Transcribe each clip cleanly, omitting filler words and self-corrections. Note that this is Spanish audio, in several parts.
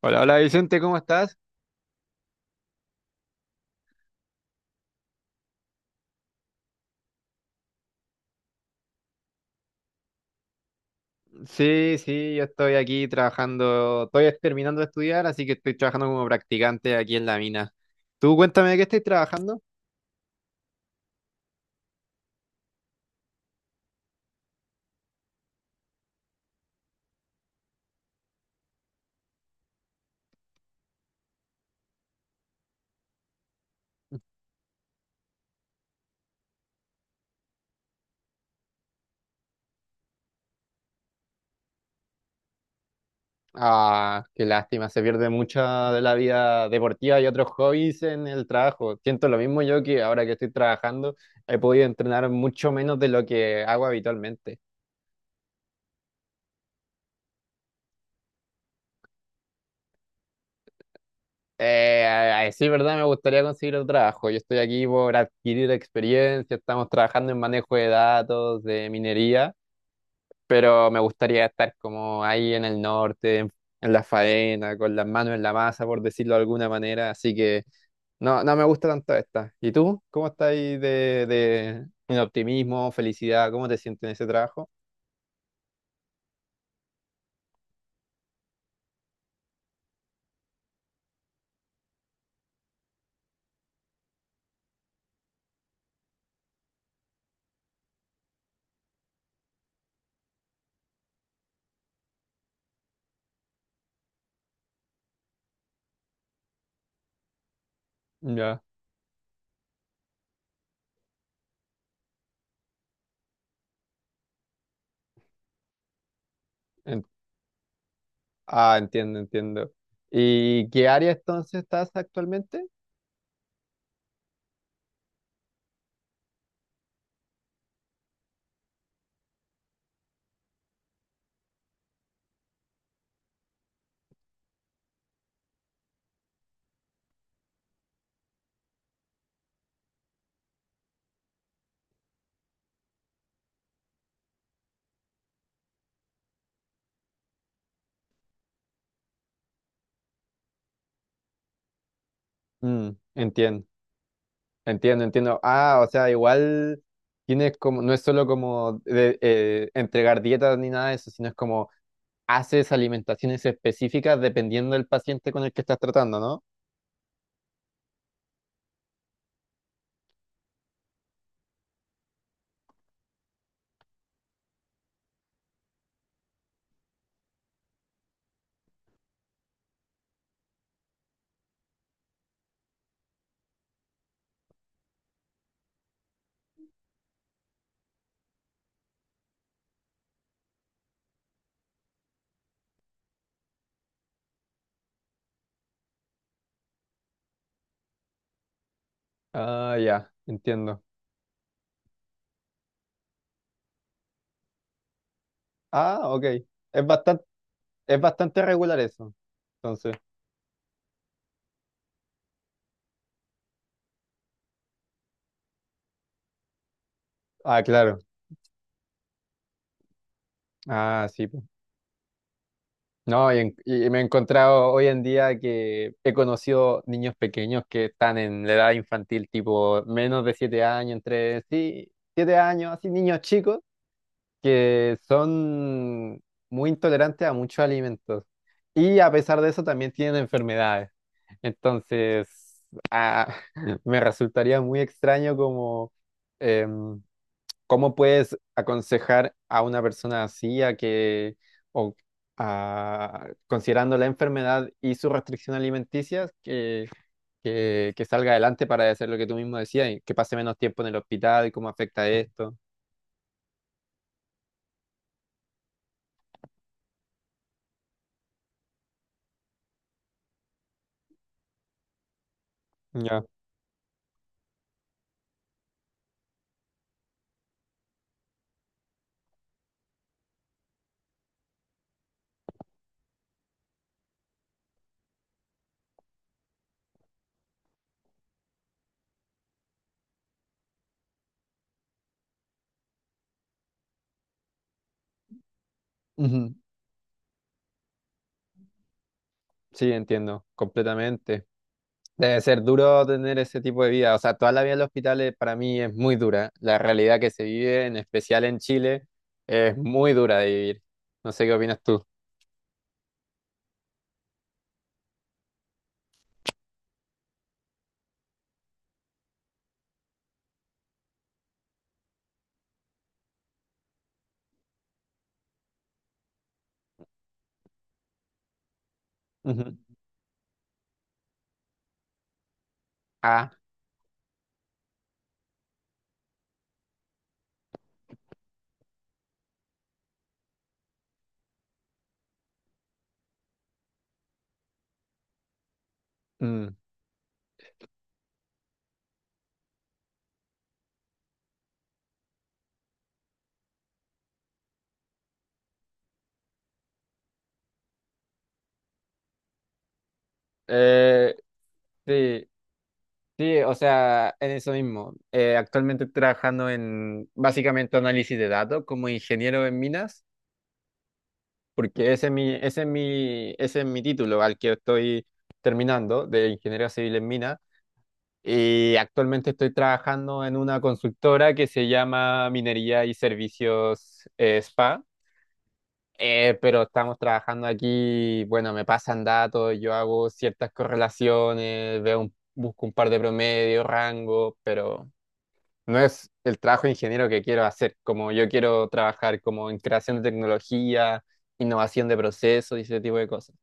Hola, hola Vicente, ¿cómo estás? Sí, sí, yo estoy aquí trabajando, estoy terminando de estudiar, así que estoy trabajando como practicante aquí en la mina. Tú cuéntame de qué estás trabajando. Ah, qué lástima, se pierde mucha de la vida deportiva y otros hobbies en el trabajo. Siento lo mismo yo que ahora que estoy trabajando he podido entrenar mucho menos de lo que hago habitualmente. Sí, verdad, me gustaría conseguir otro trabajo. Yo estoy aquí por adquirir experiencia, estamos trabajando en manejo de datos, de minería, pero me gustaría estar como ahí en el norte, en la faena, con las manos en la masa, por decirlo de alguna manera, así que no me gusta tanto esta. ¿Y tú? ¿Cómo estás ahí de en optimismo, felicidad? ¿Cómo te sientes en ese trabajo? Ya. en- ah, entiendo, entiendo. ¿Y qué área entonces estás actualmente? Mm, entiendo, entiendo. Ah, o sea, igual tienes como, no es solo como entregar dietas ni nada de eso, sino es como haces alimentaciones específicas dependiendo del paciente con el que estás tratando, ¿no? Ah, ya, entiendo. Ah, ok. Es bastante, es bastante regular eso. Entonces, ah, claro. Ah, sí, po. No, y, y me he encontrado hoy en día que he conocido niños pequeños que están en la edad infantil, tipo menos de 7 años, entre sí, 7 años, así niños chicos que son muy intolerantes a muchos alimentos y a pesar de eso también tienen enfermedades. Entonces, ah, me resultaría muy extraño como em, cómo puedes aconsejar a una persona así a que o considerando la enfermedad y su restricción alimenticia que salga adelante para hacer lo que tú mismo decías y que pase menos tiempo en el hospital y cómo afecta esto. Ya. Ujú. Sí, entiendo, completamente. Debe ser duro tener ese tipo de vida. O sea, toda la vida en los hospitales para mí es muy dura. La realidad que se vive, en especial en Chile, es muy dura de vivir. No sé qué opinas tú. Ujú. Ah, mm. Eh, sí, sí, o sea, en eso mismo. Actualmente estoy trabajando en básicamente análisis de datos como ingeniero en minas, porque ese es mi, ese es mi, ese es mi título al que estoy terminando de ingeniero civil en minas. Y actualmente estoy trabajando en una consultora que se llama Minería y Servicios Spa. Pero estamos trabajando aquí, bueno, me pasan datos, yo hago ciertas correlaciones, veo busco un par de promedios, rango, pero no es el trabajo de ingeniero que quiero hacer, como yo quiero trabajar como en creación de tecnología, innovación de procesos y ese tipo de cosas.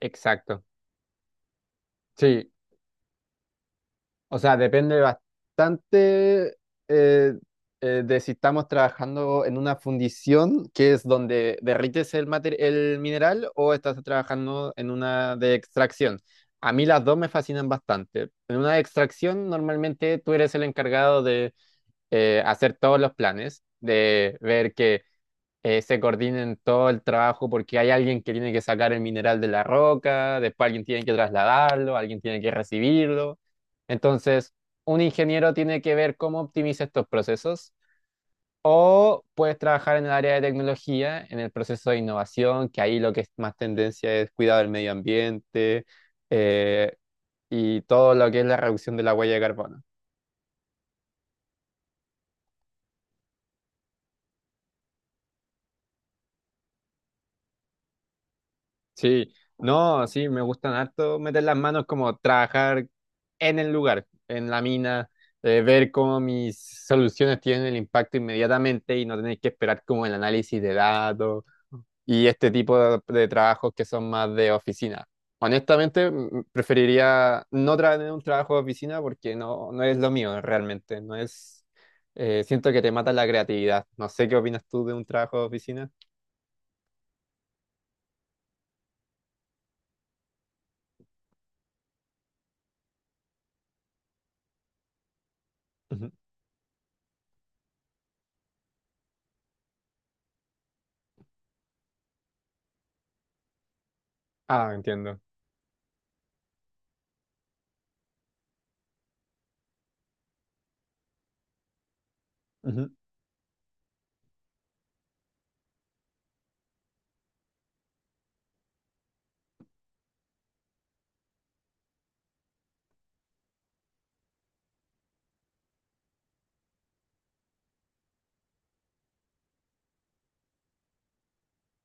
Exacto. Sí, o sea, depende bastante eh, de si estamos trabajando en una fundición, que es donde derrites el el mineral, o estás trabajando en una de extracción. A mí las dos me fascinan bastante. En una de extracción, normalmente tú eres el encargado de hacer todos los planes, de ver que se coordinen todo el trabajo porque hay alguien que tiene que sacar el mineral de la roca, después alguien tiene que trasladarlo, alguien tiene que recibirlo. Entonces, un ingeniero tiene que ver cómo optimiza estos procesos o puedes trabajar en el área de tecnología, en el proceso de innovación, que ahí lo que es más tendencia es cuidado del medio ambiente eh, y todo lo que es la reducción de la huella de carbono. Sí, no, sí, me gustan harto meter las manos como trabajar en el lugar, en la mina, ver cómo mis soluciones tienen el impacto inmediatamente y no tener que esperar como el análisis de datos y este tipo de trabajos que son más de oficina. Honestamente, preferiría no tener un trabajo de oficina porque no, no es lo mío realmente, no es, siento que te mata la creatividad. No sé qué opinas tú de un trabajo de oficina. Ujú. Ah, entiendo. Ujú.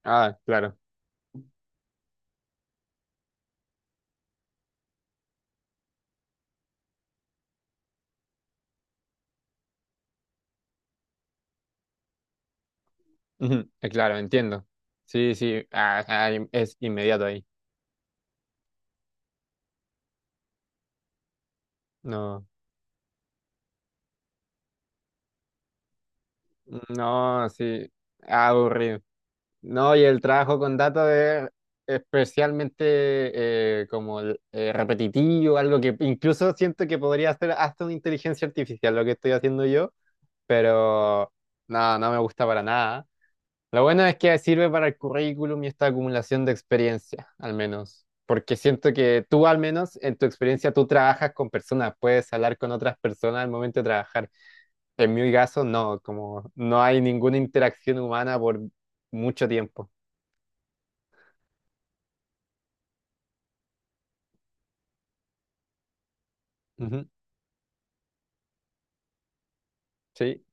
Ah, claro. Ujú, claro, entiendo. Sí, sí, ah, ah, es inmediato ahí. No, no, sí, ah, aburrido. No, y el trabajo con datos es especialmente repetitivo, algo que incluso siento que podría hacer hasta una inteligencia artificial, lo que estoy haciendo yo, pero no, no me gusta para nada. Lo bueno es que sirve para el currículum y esta acumulación de experiencia, al menos. Porque siento que tú, al menos, en tu experiencia, tú trabajas con personas, puedes hablar con otras personas al momento de trabajar. En mi caso, no, como no hay ninguna interacción humana por mucho tiempo. Ujú. Sí,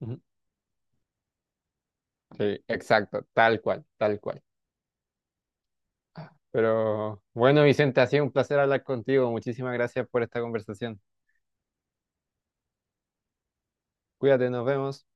ujú, sí, exacto, tal cual, tal cual. Pero bueno, Vicente, ha sido un placer hablar contigo. Muchísimas gracias por esta conversación. Cuídate, nos vemos.